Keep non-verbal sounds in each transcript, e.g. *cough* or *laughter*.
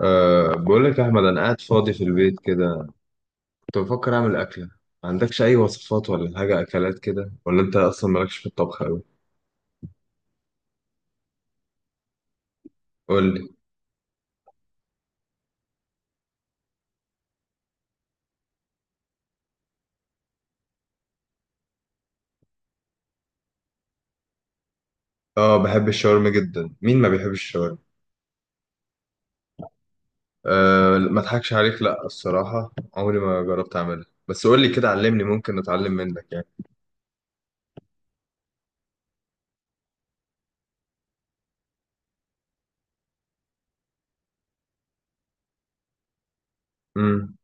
بقول لك يا أحمد، أنا قاعد فاضي في البيت كده. كنت بفكر أعمل أكلة. ما عندكش أي وصفات ولا حاجة أكلات كده، ولا أنت أصلا مالكش في الطبخ أوي؟ قول لي. أه بحب الشاورما جدا، مين ما بيحبش الشاورما؟ أه ما أضحكش عليك، لأ الصراحة عمري ما جربت أعملها، بس قول لي كده علمني، ممكن أتعلم منك يعني. امم.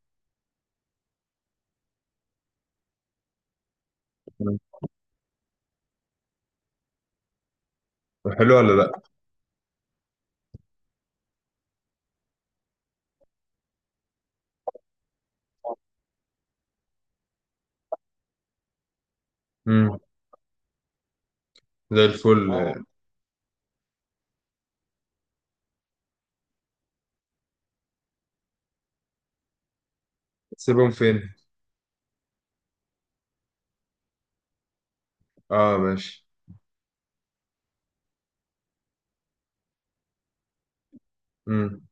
حلو ولا لأ؟ امم. زي الفل آه. سيبهم فين؟ أه ماشي. امم.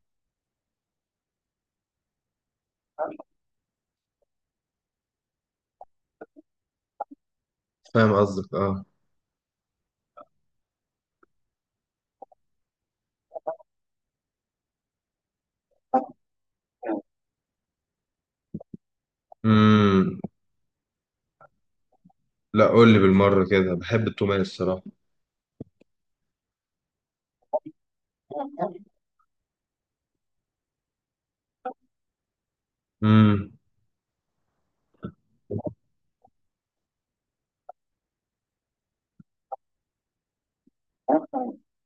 فاهم قصدك أه. امم. لأ قول لي بالمرة كده، بحب التومية الصراحة. امم.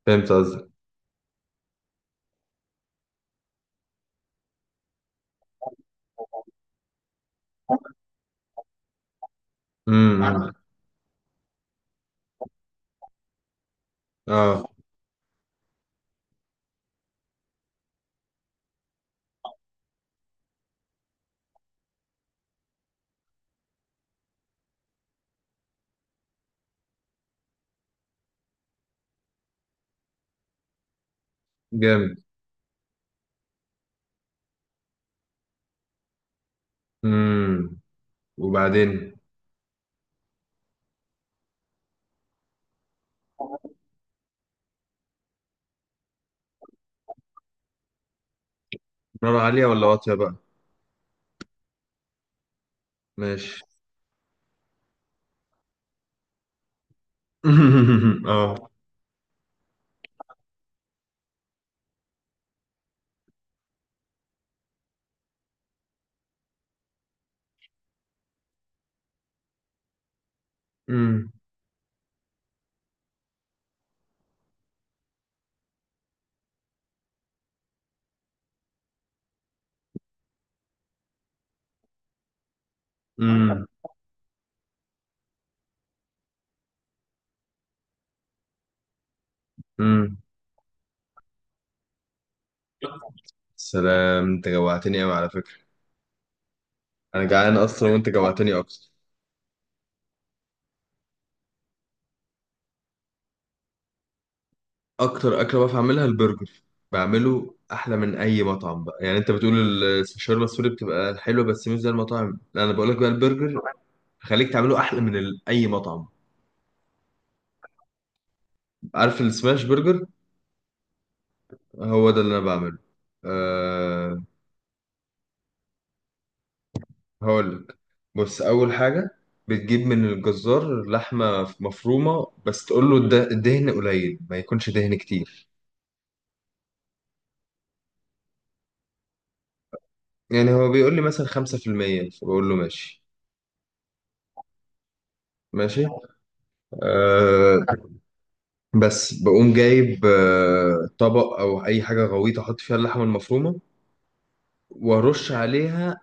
فهمت قصدك. معنى أمم. اه. جامد. امم. وبعدين؟ نار عالية ولا واطية بقى؟ ماشي. *laughs* اه. امم. امم. امم. سلام، انت جوعتني قوي على فكرة. انا جعان اصلا وانت جوعتني اكتر. اكتر اكلة بعرف اعملها البرجر. بعمله احلى من اي مطعم بقى، يعني انت بتقول الشاورما السوري بتبقى حلوة بس مش زي المطاعم، لا انا بقول لك بقى البرجر خليك تعمله احلى من اي مطعم. عارف السماش برجر؟ هو ده اللي انا بعمله. أه. هقولك، بص اول حاجه بتجيب من الجزار لحمه مفرومه، بس تقول له الدهن قليل، ما يكونش دهن كتير. يعني هو بيقول لي مثلا 5% فبقول له ماشي. ماشي. أه. بس بقوم جايب طبق او اي حاجه غويطه، احط فيها اللحمه المفرومه وارش عليها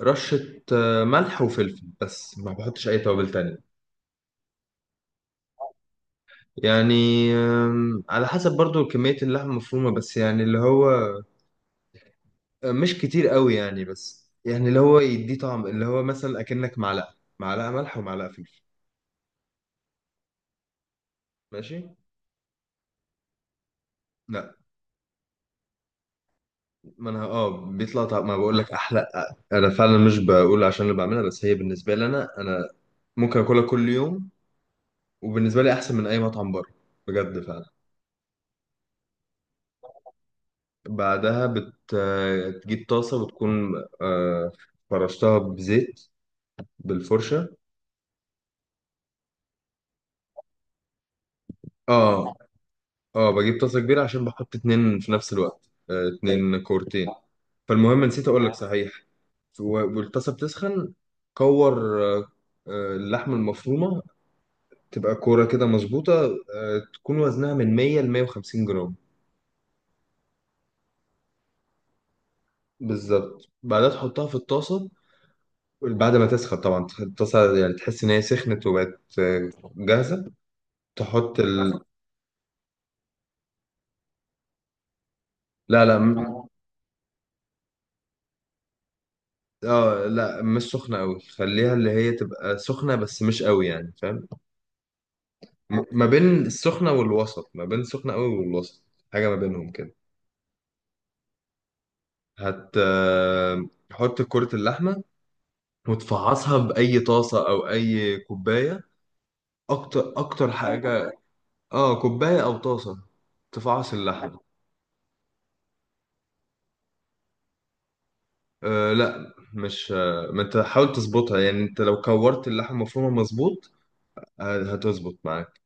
رشه، ملح وفلفل، بس ما بحطش اي توابل تانية. يعني على حسب برضو كمية اللحمة المفرومة، بس يعني اللي هو مش كتير قوي يعني، بس يعني اللي هو يديه طعم، اللي هو مثلا أكنك معلقة، معلقة ملح ومعلقة فلفل. ماشي. لا. ما انا اه بيطلع طعم، ما بقول لك احلى. انا فعلا مش بقول عشان اللي بعملها، بس هي بالنسبه لي انا، انا ممكن اكلها كل يوم، وبالنسبه لي احسن من اي مطعم بره، بجد فعلا. بعدها بتجيب طاسه، وتكون آه، فرشتها بزيت بالفرشه. اه. اه بجيب طاسه كبيره عشان بحط اتنين في نفس الوقت، اتنين كورتين. فالمهم نسيت اقول لك صحيح، والطاسه بتسخن. كور اللحمه المفرومه تبقى كوره كده مظبوطه، تكون وزنها من 100 ل 150 جرام. بالظبط بعدها تحطها في الطاسه، بعد ما تسخن طبعا الطاسه، يعني تحس ان هي سخنت وبقت جاهزه. تحط ال... لا لا اه لا مش سخنه قوي، خليها اللي هي تبقى سخنه بس مش قوي يعني، فاهم؟ ما بين السخنة والوسط، ما بين السخنة قوي والوسط، حاجة ما بينهم كده. هت حط كرة اللحمة وتفعصها بأي طاسة أو أي كوباية. أكتر أكتر حاجة. آه كوباية أو طاسة، تفعص اللحمة. أه لا مش ما أنت حاول تظبطها يعني، أنت لو كورت اللحمة مفرومة مظبوط هتظبط معاك.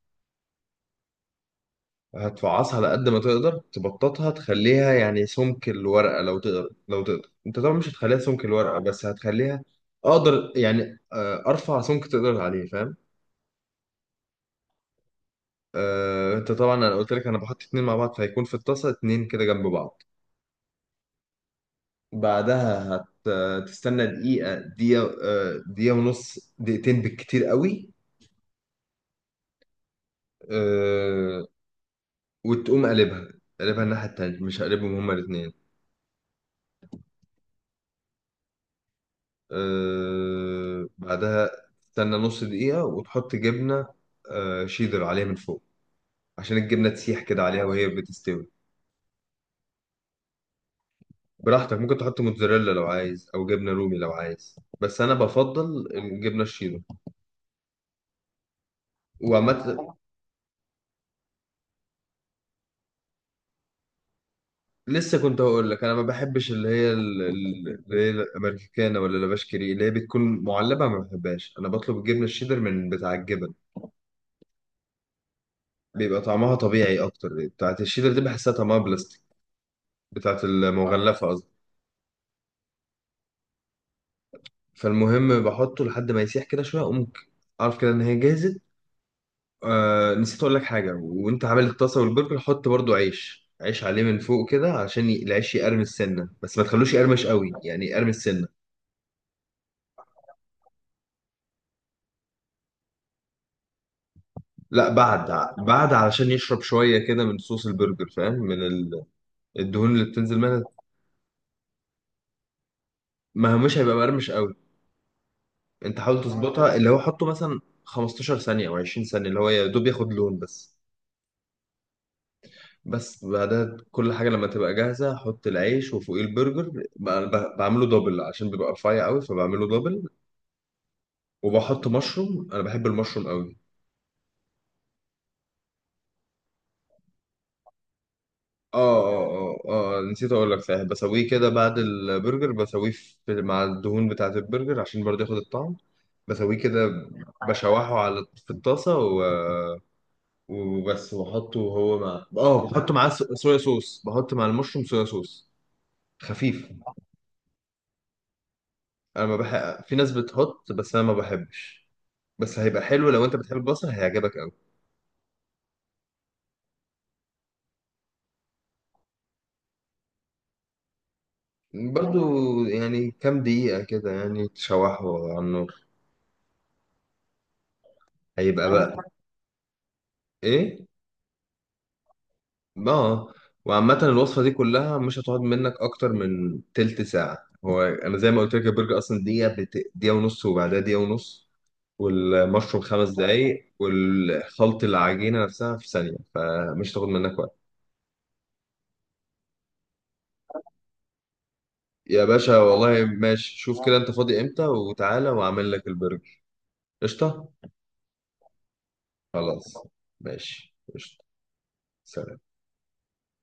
هتفعصها على قد ما تقدر تبططها، تخليها يعني سمك الورقة لو تقدر، لو تقدر انت طبعا مش هتخليها سمك الورقة، بس هتخليها اقدر يعني، ارفع سمك تقدر عليه، فاهم؟ انت طبعا انا قلت لك انا بحط اتنين مع بعض، فهيكون في الطاسة اتنين كده جنب بعض. بعدها هتستنى دقيقة دقيقة ونص، دقيقتين بالكتير قوي. آه، وتقوم قلبها، قلبها الناحية التانية، مش هقلبهم هما الاتنين. بعدها تستنى نص دقيقة وتحط جبنة شيدر عليها من فوق، عشان الجبنة تسيح كده عليها وهي بتستوي. براحتك ممكن تحط موتزاريلا لو عايز، أو جبنة رومي لو عايز، بس أنا بفضل الجبنة الشيدر. وعمت. لسه كنت هقول لك، أنا ما بحبش اللي هي اللي هي الأمريكانة ولا لافاشكري، اللي هي بتكون معلبة، ما بحبهاش، أنا بطلب الجبنة الشيدر من بتاع الجبن، بيبقى طعمها طبيعي أكتر. بتاعت الشيدر دي بحسها طعمها بلاستيك، بتاعت المغلفة قصدي. فالمهم بحطه لحد ما يسيح كده شويه، اقوم اعرف كده ان هي جاهزه. آه نسيت اقول لك حاجه، وانت عامل الطاسه والبرجر حط برضو عيش عيش عليه من فوق كده، عشان العيش يقرمش سنه، بس ما تخلوش يقرمش قوي، يعني يقرمش سنه. لا بعد بعد علشان يشرب شويه كده من صوص البرجر، فاهم؟ من الدهون اللي بتنزل منها. ما هو مش هيبقى مقرمش قوي، انت حاول تظبطها، اللي هو حطه مثلا 15 ثانيه او 20 ثانيه، اللي هو يا دوب ياخد لون بس. بس بعدها كل حاجة لما تبقى جاهزة أحط العيش وفوقيه البرجر. بعمله دبل عشان بيبقى رفيع قوي، فبعمله دبل. وبحط مشروم، أنا بحب المشروم قوي. اه نسيت أقول لك صحيح، بسويه كده بعد البرجر، بسويه في مع الدهون بتاعة البرجر عشان برضه ياخد الطعم. بسويه كده، بشوحه على في الطاسة و... وبس، وبحطه هو مع اه بحط معاه صويا صوص، بحط مع المشروم صويا صوص خفيف. انا ما بحب، في ناس بتحط بس انا ما بحبش، بس هيبقى حلو لو انت بتحب البصل هيعجبك قوي. برضو، يعني كام دقيقة كده يعني تشوحه على النار، هيبقى خلاص بقى. ايه؟ اه. وعامة الوصفة دي كلها مش هتقعد منك اكتر من تلت ساعة، هو انا زي ما قلت لك البرجر اصلا دقيقة بت... دقيقة ونص وبعدها دقيقة ونص، والمشروم خمس دقايق، والخلط العجينة نفسها في ثانية، فمش هتاخد منك وقت. يا باشا والله ماشي، شوف كده انت فاضي امتى وتعالى واعمل لك البرجر. قشطة. خلاص ماشي قشطة. سلام.